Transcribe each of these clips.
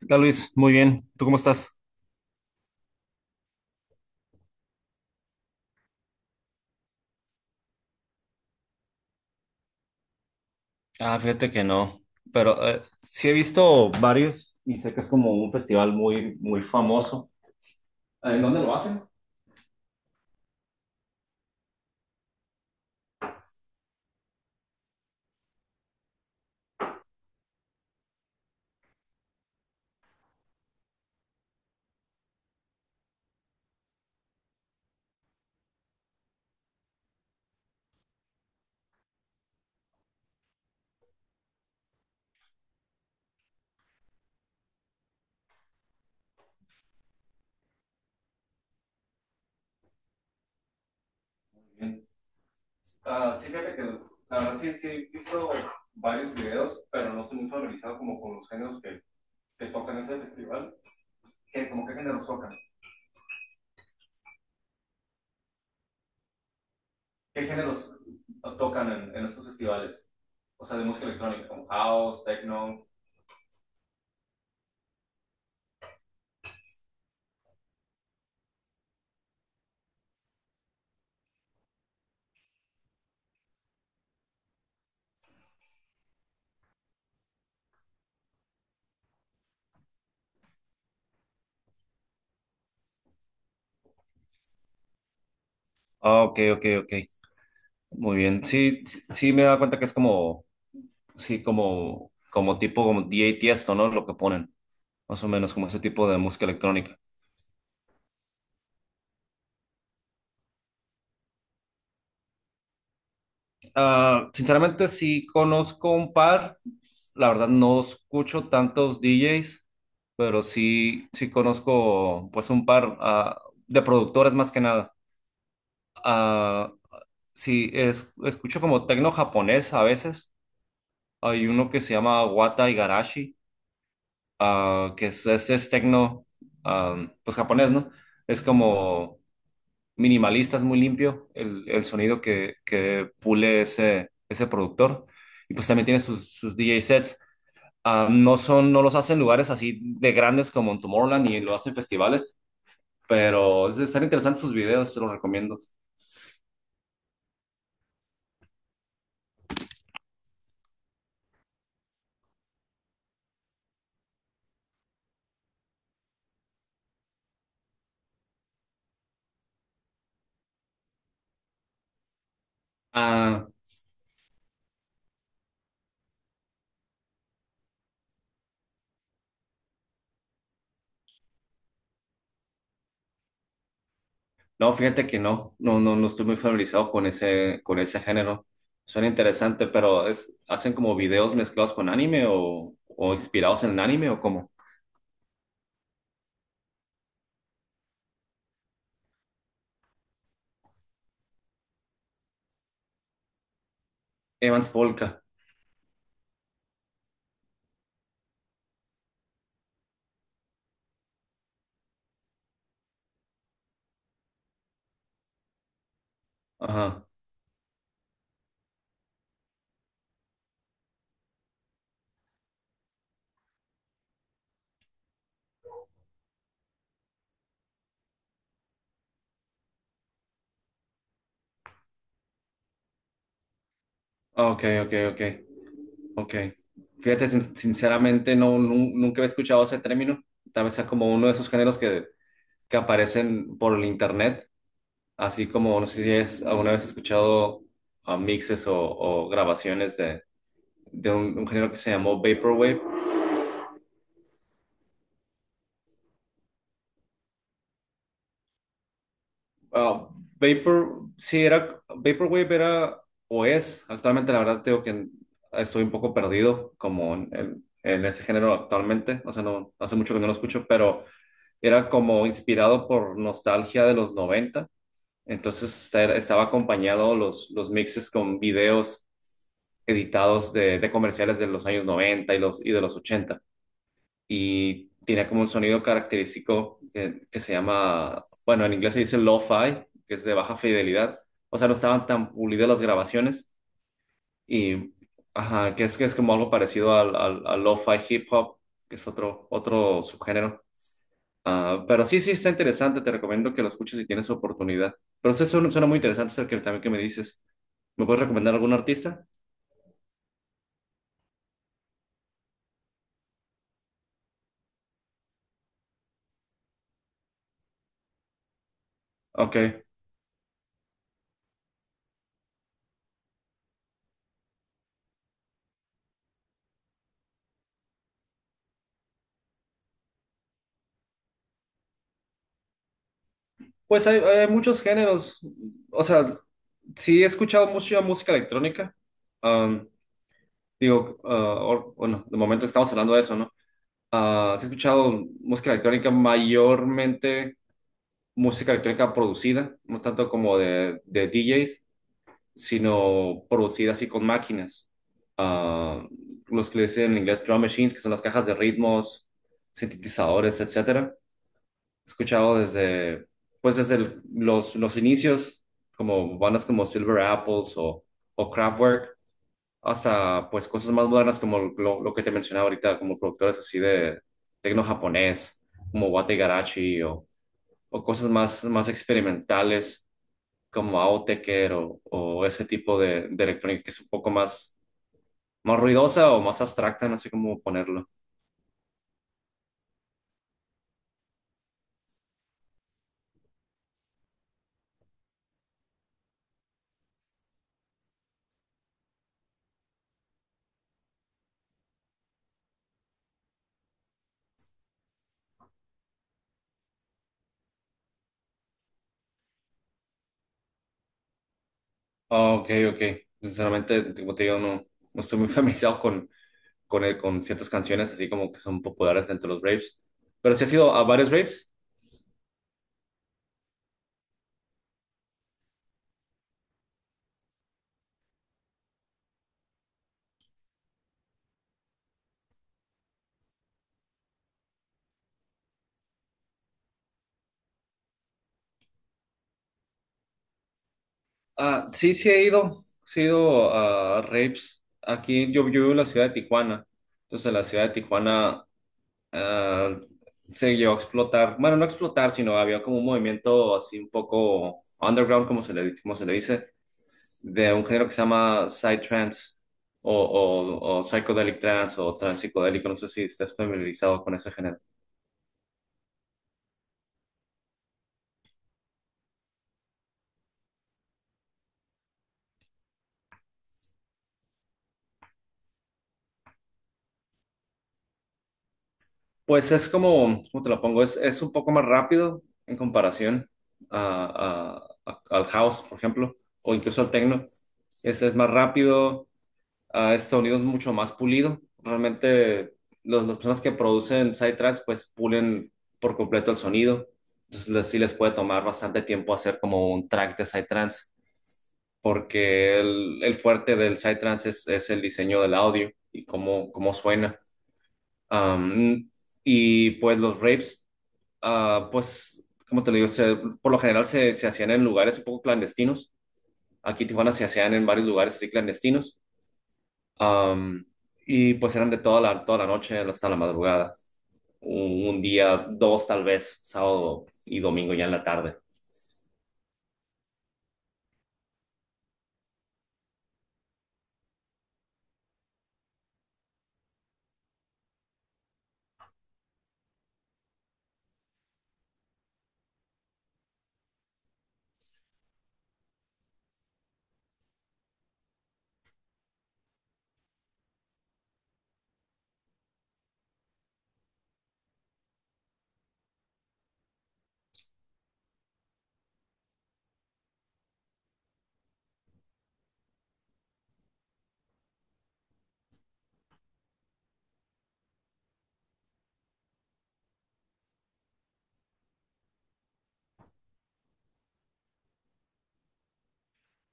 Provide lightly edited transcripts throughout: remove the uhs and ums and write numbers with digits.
¿Qué tal, Luis? Muy bien. ¿Tú cómo estás? Ah, fíjate que no. Pero sí he visto varios y sé que es como un festival muy, muy famoso. ¿En dónde lo hacen? Bien. Ah, sí, fíjate que la verdad sí, sí he visto varios videos, pero no estoy muy familiarizado como con los géneros que tocan ese festival. ¿Qué, como qué géneros tocan? ¿Qué géneros tocan en estos festivales? O sea, de música electrónica, como house, techno. Ah, ok, ok, ok. Muy bien. Sí, sí, sí me he dado cuenta que es como sí, como, como tipo como DJ Tiesto, ¿no? Lo que ponen, más o menos como ese tipo de música electrónica. Ah, sinceramente, sí conozco un par, la verdad no escucho tantos DJs, pero sí, sí conozco pues un par de productores más que nada. Ah, sí, escucho como tecno japonés a veces. Hay uno que se llama Wata Igarashi, que es tecno, ah, pues japonés, ¿no? Es como minimalista, es muy limpio el sonido que pule ese productor. Y pues también tiene sus DJ sets. Ah, no son, no los hacen en lugares así de grandes como en Tomorrowland y lo hacen en festivales, pero están interesantes sus videos, te los recomiendo. Ah, no, fíjate que no, no, no, no estoy muy familiarizado con ese género. Suena interesante, pero es, ¿hacen como videos mezclados con anime o inspirados en el anime o cómo? Evans Polka. Ajá. Ah, ok, ok, ok. Ok. Fíjate, sinceramente, no, nunca he escuchado ese término. Tal vez sea como uno de esos géneros que aparecen por el internet, así como no sé si es, alguna vez he escuchado mixes o grabaciones de un género que se llamó Vaporwave. Ah, Vapor, sí, era, Vaporwave era o es, actualmente la verdad tengo que estoy un poco perdido como en, en ese género actualmente, o sea, no, hace mucho que no lo escucho, pero era como inspirado por nostalgia de los 90, entonces estaba acompañado los mixes con videos editados de comerciales de los años 90 y, los, y de los 80 y tenía como un sonido característico que se llama, bueno, en inglés se dice lo-fi, que es de baja fidelidad, o sea, no estaban tan pulidas las grabaciones, y ajá, que es como algo parecido al, al, al lo-fi hip hop, que es otro, otro subgénero. Ah, pero sí, sí, está interesante. Te recomiendo que lo escuches si tienes oportunidad. Pero sí, suena, suena muy interesante eso que también que me dices. ¿Me puedes recomendar algún artista? Ok. Pues hay muchos géneros. O sea, sí he escuchado mucha música electrónica. Am, digo, bueno, de momento estamos hablando de eso, ¿no? Ah, sí he escuchado música electrónica, mayormente música electrónica producida, no tanto como de DJs, sino producida así con máquinas. Ah, los que le dicen en inglés drum machines, que son las cajas de ritmos, sintetizadores, etcétera. He escuchado desde, pues desde los inicios, como bandas como Silver Apples o Kraftwerk, hasta pues cosas más modernas como lo que te mencionaba ahorita, como productores así de tecno japonés, como Wate Garachi o cosas más, más experimentales como Autechre o ese tipo de electrónica que es un poco más, más ruidosa o más abstracta, no sé cómo ponerlo. Ah, ok, ok. Sinceramente, como te digo, no, no estoy muy familiarizado con, con ciertas canciones así como que son populares entre los raves. Pero sí has ido a varios raves. Ah, sí, sí he ido. Sí he ido a raves. Aquí yo, yo vivo en la ciudad de Tijuana. Entonces, en la ciudad de Tijuana ah, se llegó a explotar, bueno, no explotar, sino había como un movimiento así un poco underground, como se le dice, de un género que se llama psytrance o psychedelic trance o trance psicodélico, no sé si estás familiarizado con ese género. Pues es como, ¿cómo te lo pongo? Es un poco más rápido en comparación al house, por ejemplo, o incluso al techno. Ese es más rápido, a este sonido es mucho más pulido. Realmente los, las personas que producen sidetracks pues pulen por completo el sonido. Entonces sí les puede tomar bastante tiempo hacer como un track de sidetracks porque el fuerte del sidetracks es el diseño del audio y cómo, cómo suena. Am, y pues los rapes, pues como te lo digo, por lo general se hacían en lugares un poco clandestinos. Aquí en Tijuana se hacían en varios lugares así clandestinos. Am, y pues eran de toda la noche hasta la madrugada. Un día, dos tal vez, sábado y domingo ya en la tarde.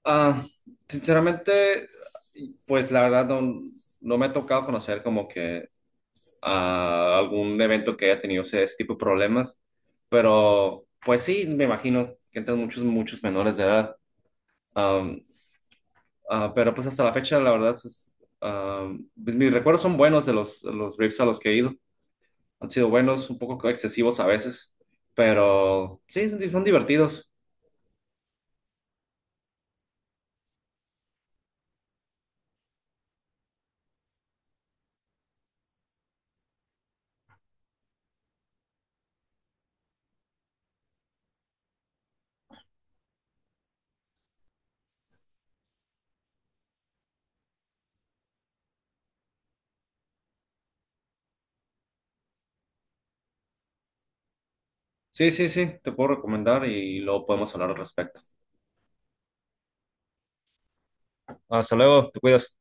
Ah, sinceramente, pues la verdad no, no me ha tocado conocer como que algún evento que haya tenido ese, ese tipo de problemas, pero pues sí, me imagino que entran muchos, muchos menores de edad. Am, pero pues hasta la fecha, la verdad, pues, pues, mis recuerdos son buenos de los raves a los que he ido. Han sido buenos, un poco excesivos a veces, pero sí, son son divertidos. Sí, sí, sí, te puedo recomendar y luego podemos hablar al respecto. Hasta luego, te cuidas.